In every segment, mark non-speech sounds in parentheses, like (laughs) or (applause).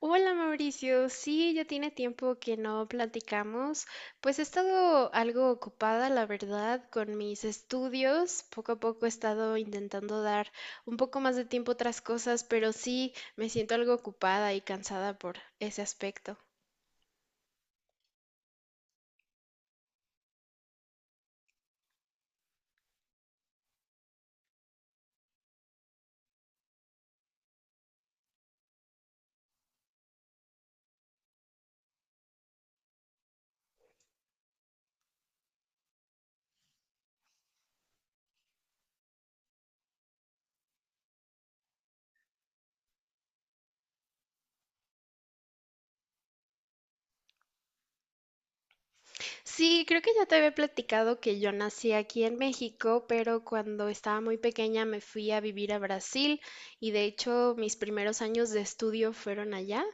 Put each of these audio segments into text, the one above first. Hola Mauricio, sí, ya tiene tiempo que no platicamos. Pues he estado algo ocupada, la verdad, con mis estudios. Poco a poco he estado intentando dar un poco más de tiempo a otras cosas, pero sí me siento algo ocupada y cansada por ese aspecto. Sí, creo que ya te había platicado que yo nací aquí en México, pero cuando estaba muy pequeña me fui a vivir a Brasil y de hecho mis primeros años de estudio fueron allá.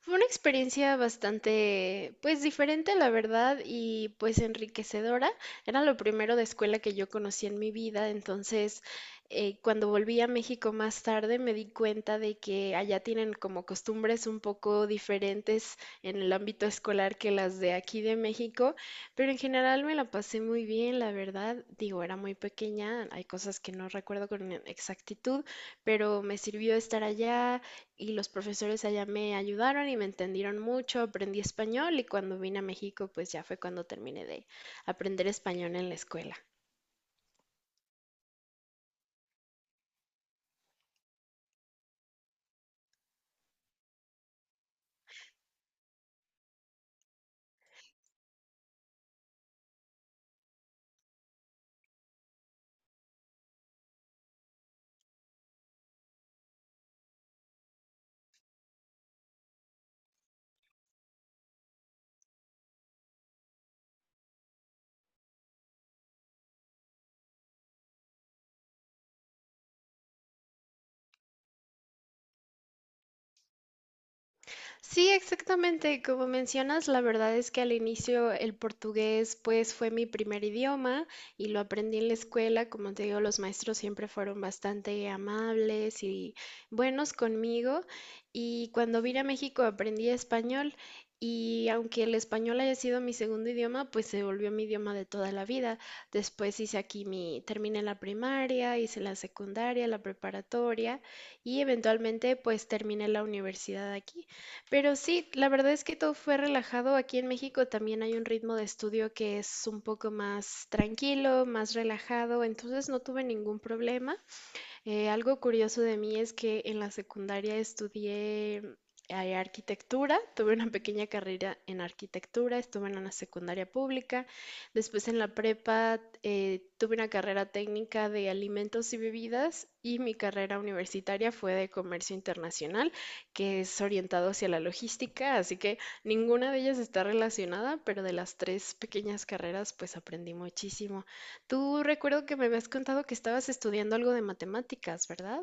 Fue una experiencia bastante, pues diferente, la verdad, y pues enriquecedora. Era lo primero de escuela que yo conocí en mi vida, entonces cuando volví a México más tarde me di cuenta de que allá tienen como costumbres un poco diferentes en el ámbito escolar que las de aquí de México. Pero en general me la pasé muy bien, la verdad. Digo, era muy pequeña, hay cosas que no recuerdo con exactitud, pero me sirvió estar allá y los profesores allá me ayudaron y me entendieron mucho, aprendí español y cuando vine a México, pues ya fue cuando terminé de aprender español en la escuela. Sí, exactamente. Como mencionas, la verdad es que al inicio el portugués pues fue mi primer idioma y lo aprendí en la escuela. Como te digo, los maestros siempre fueron bastante amables y buenos conmigo. Y cuando vine a México aprendí español y aunque el español haya sido mi segundo idioma, pues se volvió mi idioma de toda la vida. Después hice aquí mi, terminé la primaria, hice la secundaria, la preparatoria y eventualmente pues terminé la universidad aquí. Pero sí, la verdad es que todo fue relajado. Aquí en México también hay un ritmo de estudio que es un poco más tranquilo, más relajado, entonces no tuve ningún problema. Algo curioso de mí es que en la secundaria estudié arquitectura, tuve una pequeña carrera en arquitectura, estuve en una secundaria pública, después en la prepa tuve una carrera técnica de alimentos y bebidas y mi carrera universitaria fue de comercio internacional, que es orientado hacia la logística, así que ninguna de ellas está relacionada, pero de las tres pequeñas carreras pues aprendí muchísimo. Tú recuerdo que me habías contado que estabas estudiando algo de matemáticas, ¿verdad?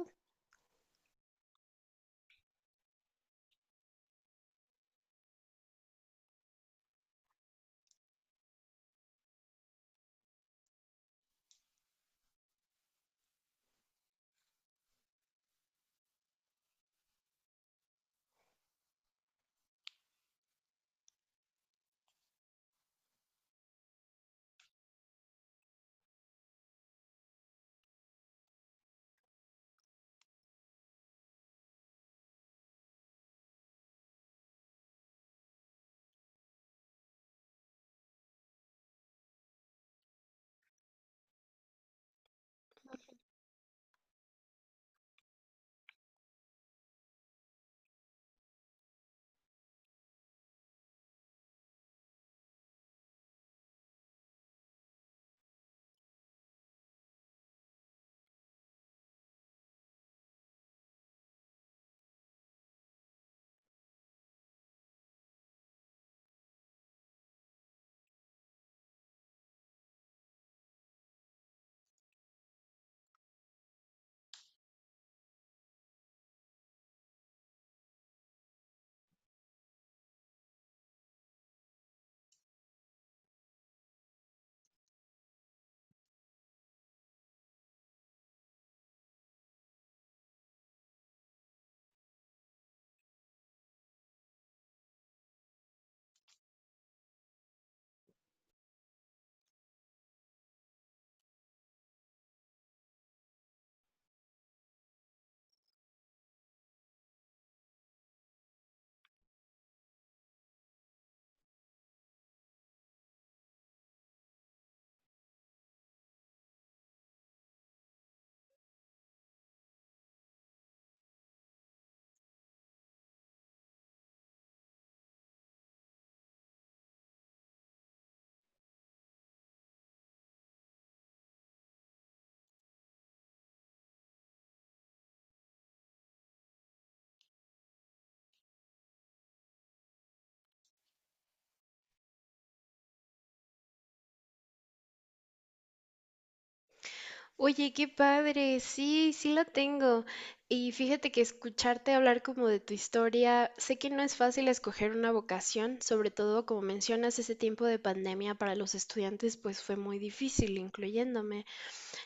Oye, qué padre, sí, sí la tengo. Y fíjate que escucharte hablar como de tu historia, sé que no es fácil escoger una vocación, sobre todo como mencionas, ese tiempo de pandemia para los estudiantes pues fue muy difícil, incluyéndome.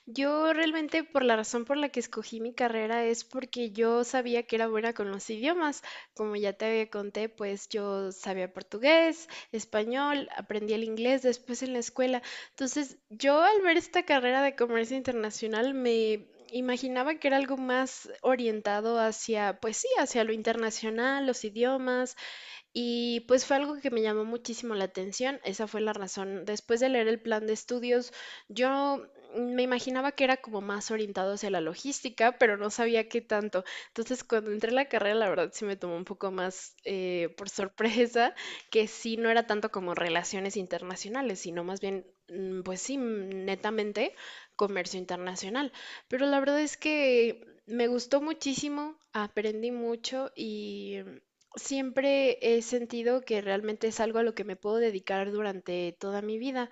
Yo realmente por la razón por la que escogí mi carrera es porque yo sabía que era buena con los idiomas. Como ya te había conté, pues yo sabía portugués, español, aprendí el inglés después en la escuela. Entonces, yo al ver esta carrera de comercio internacional me imaginaba que era algo más orientado hacia, pues sí, hacia lo internacional, los idiomas, y pues fue algo que me llamó muchísimo la atención, esa fue la razón. Después de leer el plan de estudios, yo me imaginaba que era como más orientado hacia la logística, pero no sabía qué tanto. Entonces, cuando entré a la carrera, la verdad sí me tomó un poco más por sorpresa, que sí no era tanto como relaciones internacionales, sino más bien, pues sí, netamente comercio internacional. Pero la verdad es que me gustó muchísimo, aprendí mucho y siempre he sentido que realmente es algo a lo que me puedo dedicar durante toda mi vida.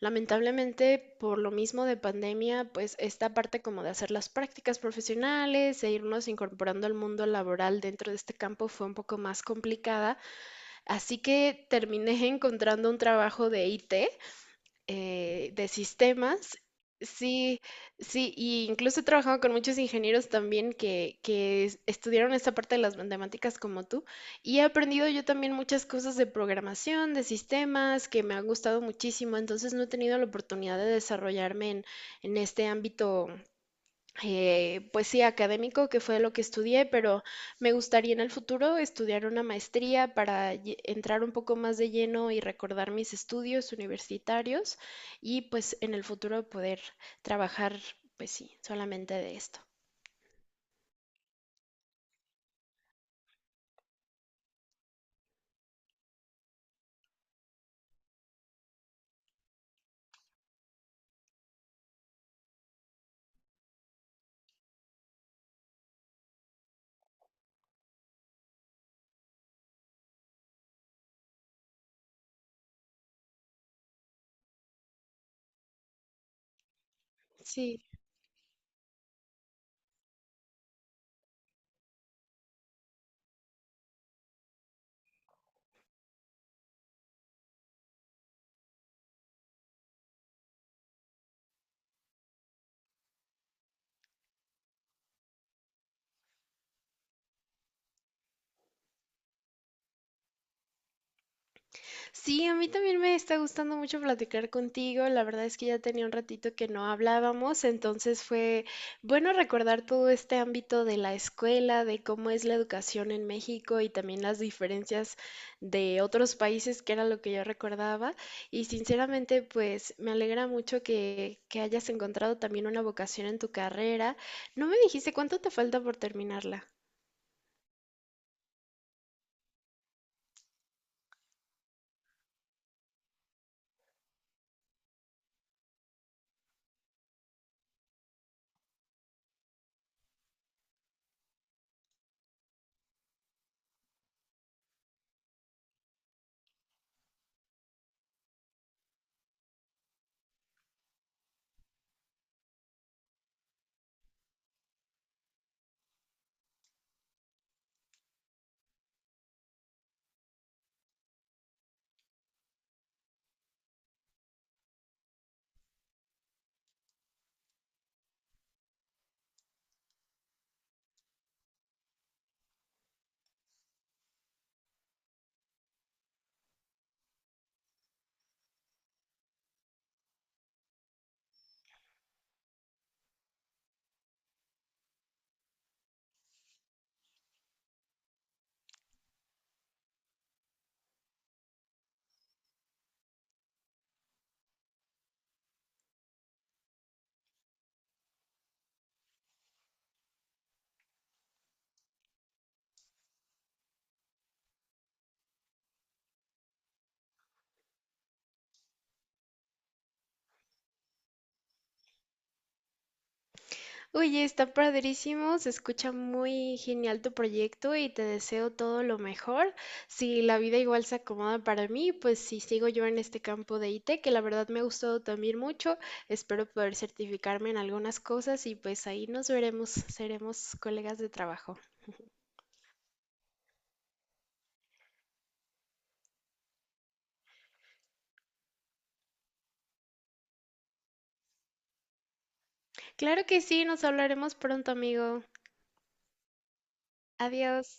Lamentablemente, por lo mismo de pandemia, pues esta parte como de hacer las prácticas profesionales e irnos incorporando al mundo laboral dentro de este campo fue un poco más complicada, así que terminé (laughs) encontrando un trabajo de IT, de sistemas. Sí, sí, y incluso he trabajado con muchos ingenieros también que estudiaron esta parte de las matemáticas como tú, y he aprendido yo también muchas cosas de programación, de sistemas, que me han gustado muchísimo, entonces no he tenido la oportunidad de desarrollarme en este ámbito, pues sí, académico, que fue lo que estudié, pero me gustaría en el futuro estudiar una maestría para entrar un poco más de lleno y recordar mis estudios universitarios y pues en el futuro poder trabajar, pues sí, solamente de esto. Sí. Sí, a mí también me está gustando mucho platicar contigo. La verdad es que ya tenía un ratito que no hablábamos, entonces fue bueno recordar todo este ámbito de la escuela, de cómo es la educación en México y también las diferencias de otros países, que era lo que yo recordaba. Y sinceramente, pues me alegra mucho que hayas encontrado también una vocación en tu carrera. No me dijiste cuánto te falta por terminarla. Oye, está padrísimo, se escucha muy genial tu proyecto y te deseo todo lo mejor. Si la vida igual se acomoda para mí, pues si sigo yo en este campo de IT, que la verdad me ha gustado también mucho, espero poder certificarme en algunas cosas y pues ahí nos veremos, seremos colegas de trabajo. Claro que sí, nos hablaremos pronto, amigo. Adiós.